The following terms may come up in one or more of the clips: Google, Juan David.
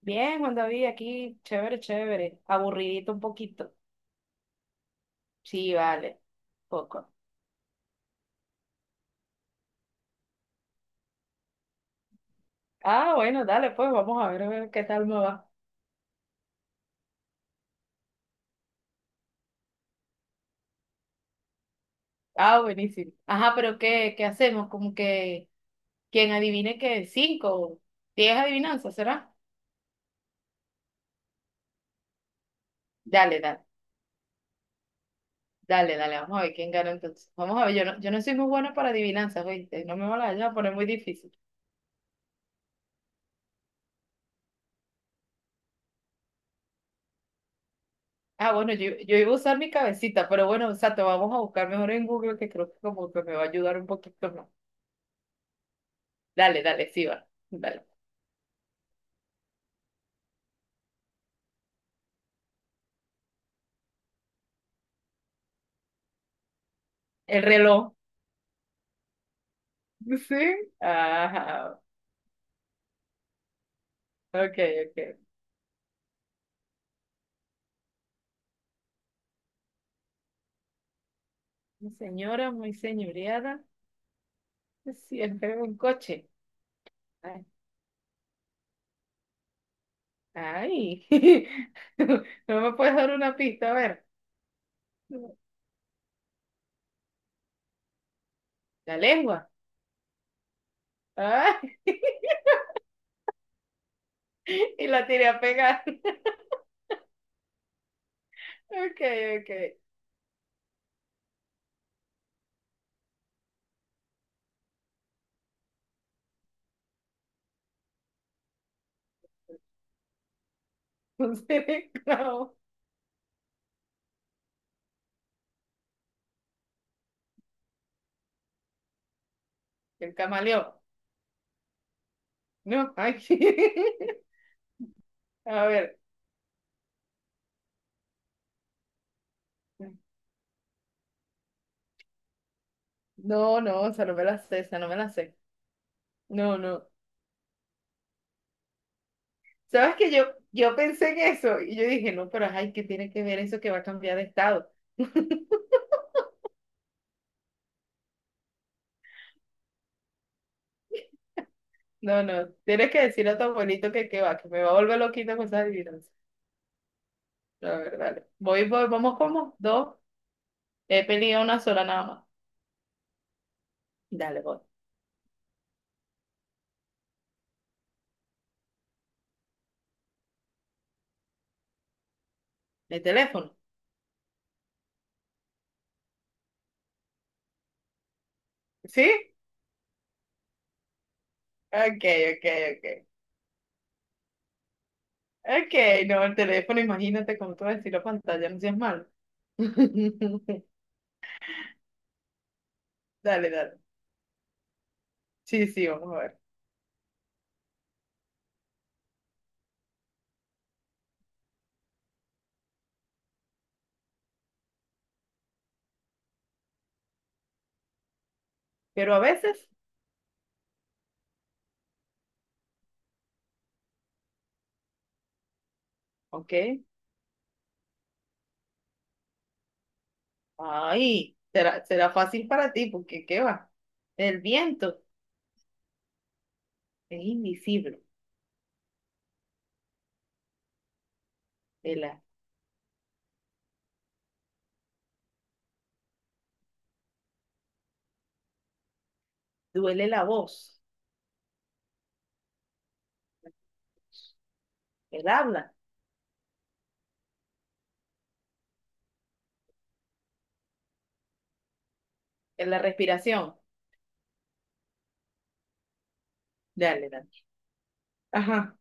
Bien, Juan David, aquí, chévere, chévere. Aburridito un poquito. Sí, vale, poco. Ah, bueno, dale, pues vamos a ver qué tal me va. Ah, buenísimo. Ajá, pero ¿qué hacemos? Como que quien adivine que cinco, 10 adivinanzas, ¿será? Dale, dale, dale, dale, vamos a ver quién gana entonces. Vamos a ver, yo no soy muy buena para adivinanzas, ¿viste? No me van a poner muy difícil. Ah, bueno, yo iba a usar mi cabecita, pero bueno, o sea, te vamos a buscar mejor en Google, que creo que como que me va a ayudar un poquito más. Dale, dale, sí va. Dale. El reloj. Sí. Ajá. Ok, ok. Una señora muy señoreada, siempre un coche. Ay. Ay. No me puedes dar una pista, a ver. La lengua. Ay. Y la tiré a pegar. Ok, ok. Un cereclavo. El camaleón. No, ay. A ver. No, no, o sea, no me la sé, esa no me la sé. No, no. ¿Sabes que yo pensé en eso y yo dije, no, pero ay, ¿qué tiene que ver eso que va a cambiar de estado? No, no, tienes que decirle a tu abuelito que va, que me va a volver loquita con esas adivinanzas. A ver, dale. Voy, voy, vamos como dos. He pedido una sola nada más. Dale, voy. ¿El teléfono? ¿Sí? Ok, ok, ok. Ok, no, el teléfono, imagínate cómo tú vas a decir la pantalla, no seas malo. Dale, dale. Sí, sí, vamos a ver. Pero a veces, ok. Ay, será, será fácil para ti, porque ¿qué va? El viento es invisible, el a- duele la voz, el habla, en la respiración. Dale, dale. Ajá.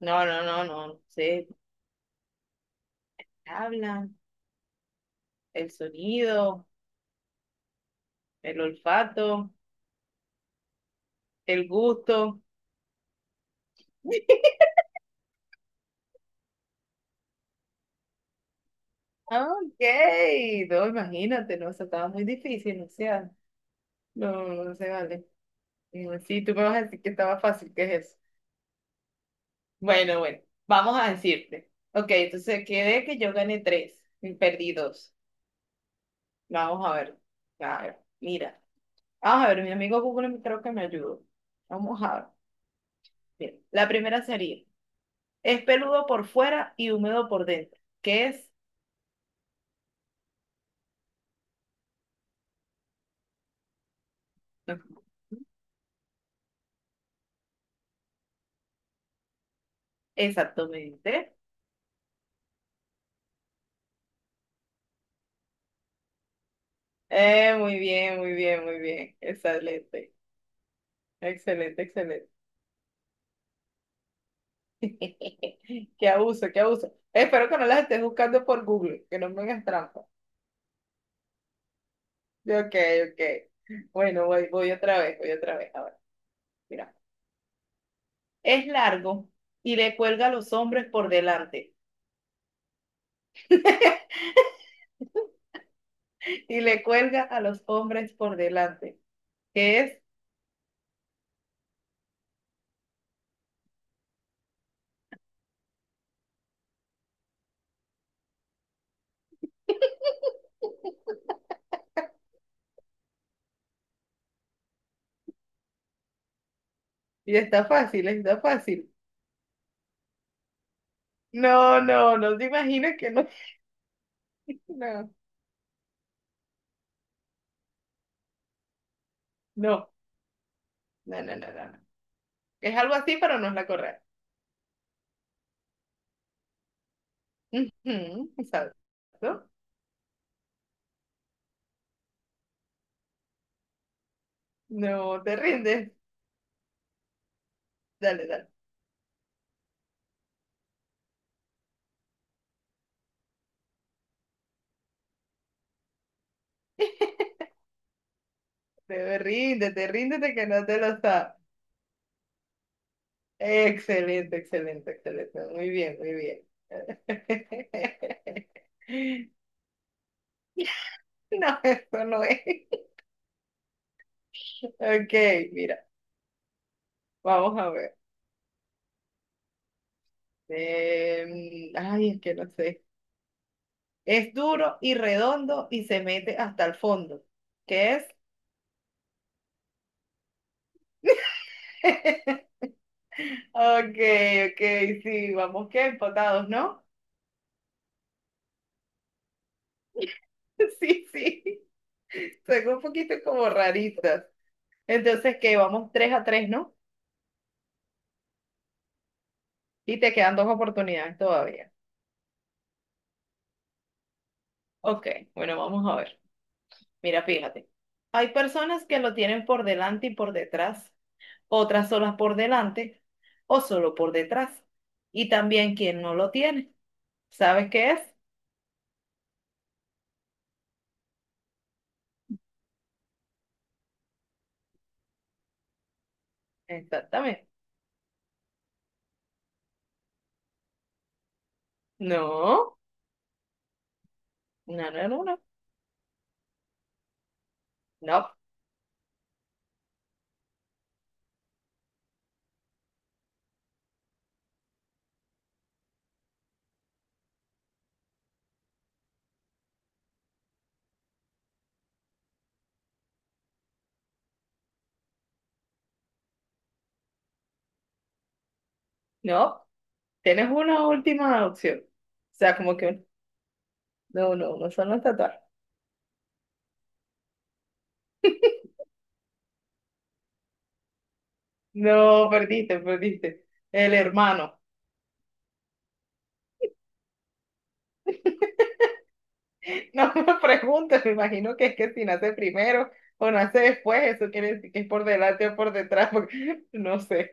No, no, no, no, se hablan, el sonido, el olfato, el gusto. Ok, no, imagínate, no, o sea, estaba muy difícil, no sea, no, no se vale. Mm, sí, tú me vas a decir que estaba fácil, ¿qué es eso? Bueno, bueno, vamos a decirte. Ok, entonces quedé que yo gané tres y perdí dos. Vamos a ver. A ver, mira. Vamos a ver, mi amigo Google creo que me ayudó. Vamos a ver. Mira, la primera sería, es peludo por fuera y húmedo por dentro. ¿Qué es? Ujú. Exactamente. Muy bien, muy bien, muy bien. Excelente. Excelente, excelente. Qué abuso, qué abuso. Espero que no las estés buscando por Google, que no me hagas trampa. Ok, ok. Bueno, voy, voy otra vez, voy otra vez. Ahora, mira. Es largo y le cuelga a los hombres por delante. Y le cuelga a los hombres por delante. ¿Qué es? Y está fácil, está fácil. No, no, no te imaginas que no. No, no, no, no, no, no. Es algo así, pero no es la correcta. Ujú, exacto. No, no, te rindes. Dale, dale. Te ríndete, ríndete que no te lo sabes. Excelente, excelente, excelente. Muy bien, muy bien. No, eso no es. Ok, mira, vamos a ver. Ay, es que no sé. Es duro y redondo y se mete hasta el fondo. ¿Qué es? Ok, ok, sí, vamos que empatados, ¿no? Sí, sí. Son un poquito como raritas. Entonces, que vamos 3 a tres, ¿no? Y te quedan dos oportunidades todavía. Ok, bueno, vamos a ver. Mira, fíjate, hay personas que lo tienen por delante y por detrás, otras solas por delante o solo por detrás. Y también quien no lo tiene. ¿Sabes qué es? Exactamente. No, no, no, no, no, no, no. Tienes una última opción. O sea, como que no, no, no son los tatuajes. No, perdiste, perdiste. El hermano. No me preguntes, me imagino que es que si nace primero o nace después, eso quiere decir que es por delante o por detrás, porque no sé.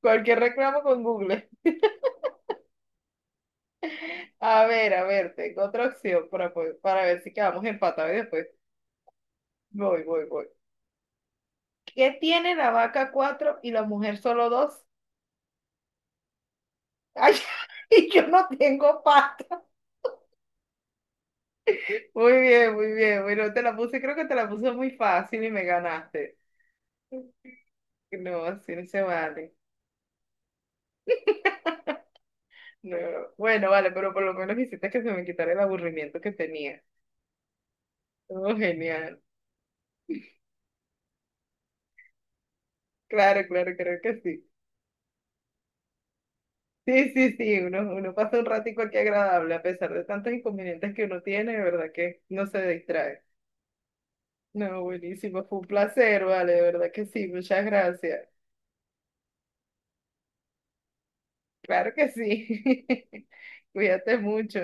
Cualquier reclamo con Google. A ver, tengo otra opción para, po- para ver si quedamos empatados y después voy, voy, voy. ¿Qué tiene la vaca cuatro y la mujer solo dos? Ay, y yo no tengo pata. Muy bien, muy bien. Bueno, te la puse, creo que te la puse muy fácil y me ganaste. No, así no se vale. No, bueno, vale, pero por lo menos hiciste que se me quitara el aburrimiento que tenía. Oh, genial. Claro, claro, creo que sí. Sí, sí, sí, uno pasa un ratico aquí agradable, a pesar de tantos inconvenientes que uno tiene, de verdad que no se distrae. No, buenísimo, fue un placer, vale, de verdad que sí, muchas gracias. Claro que sí. Cuídate mucho.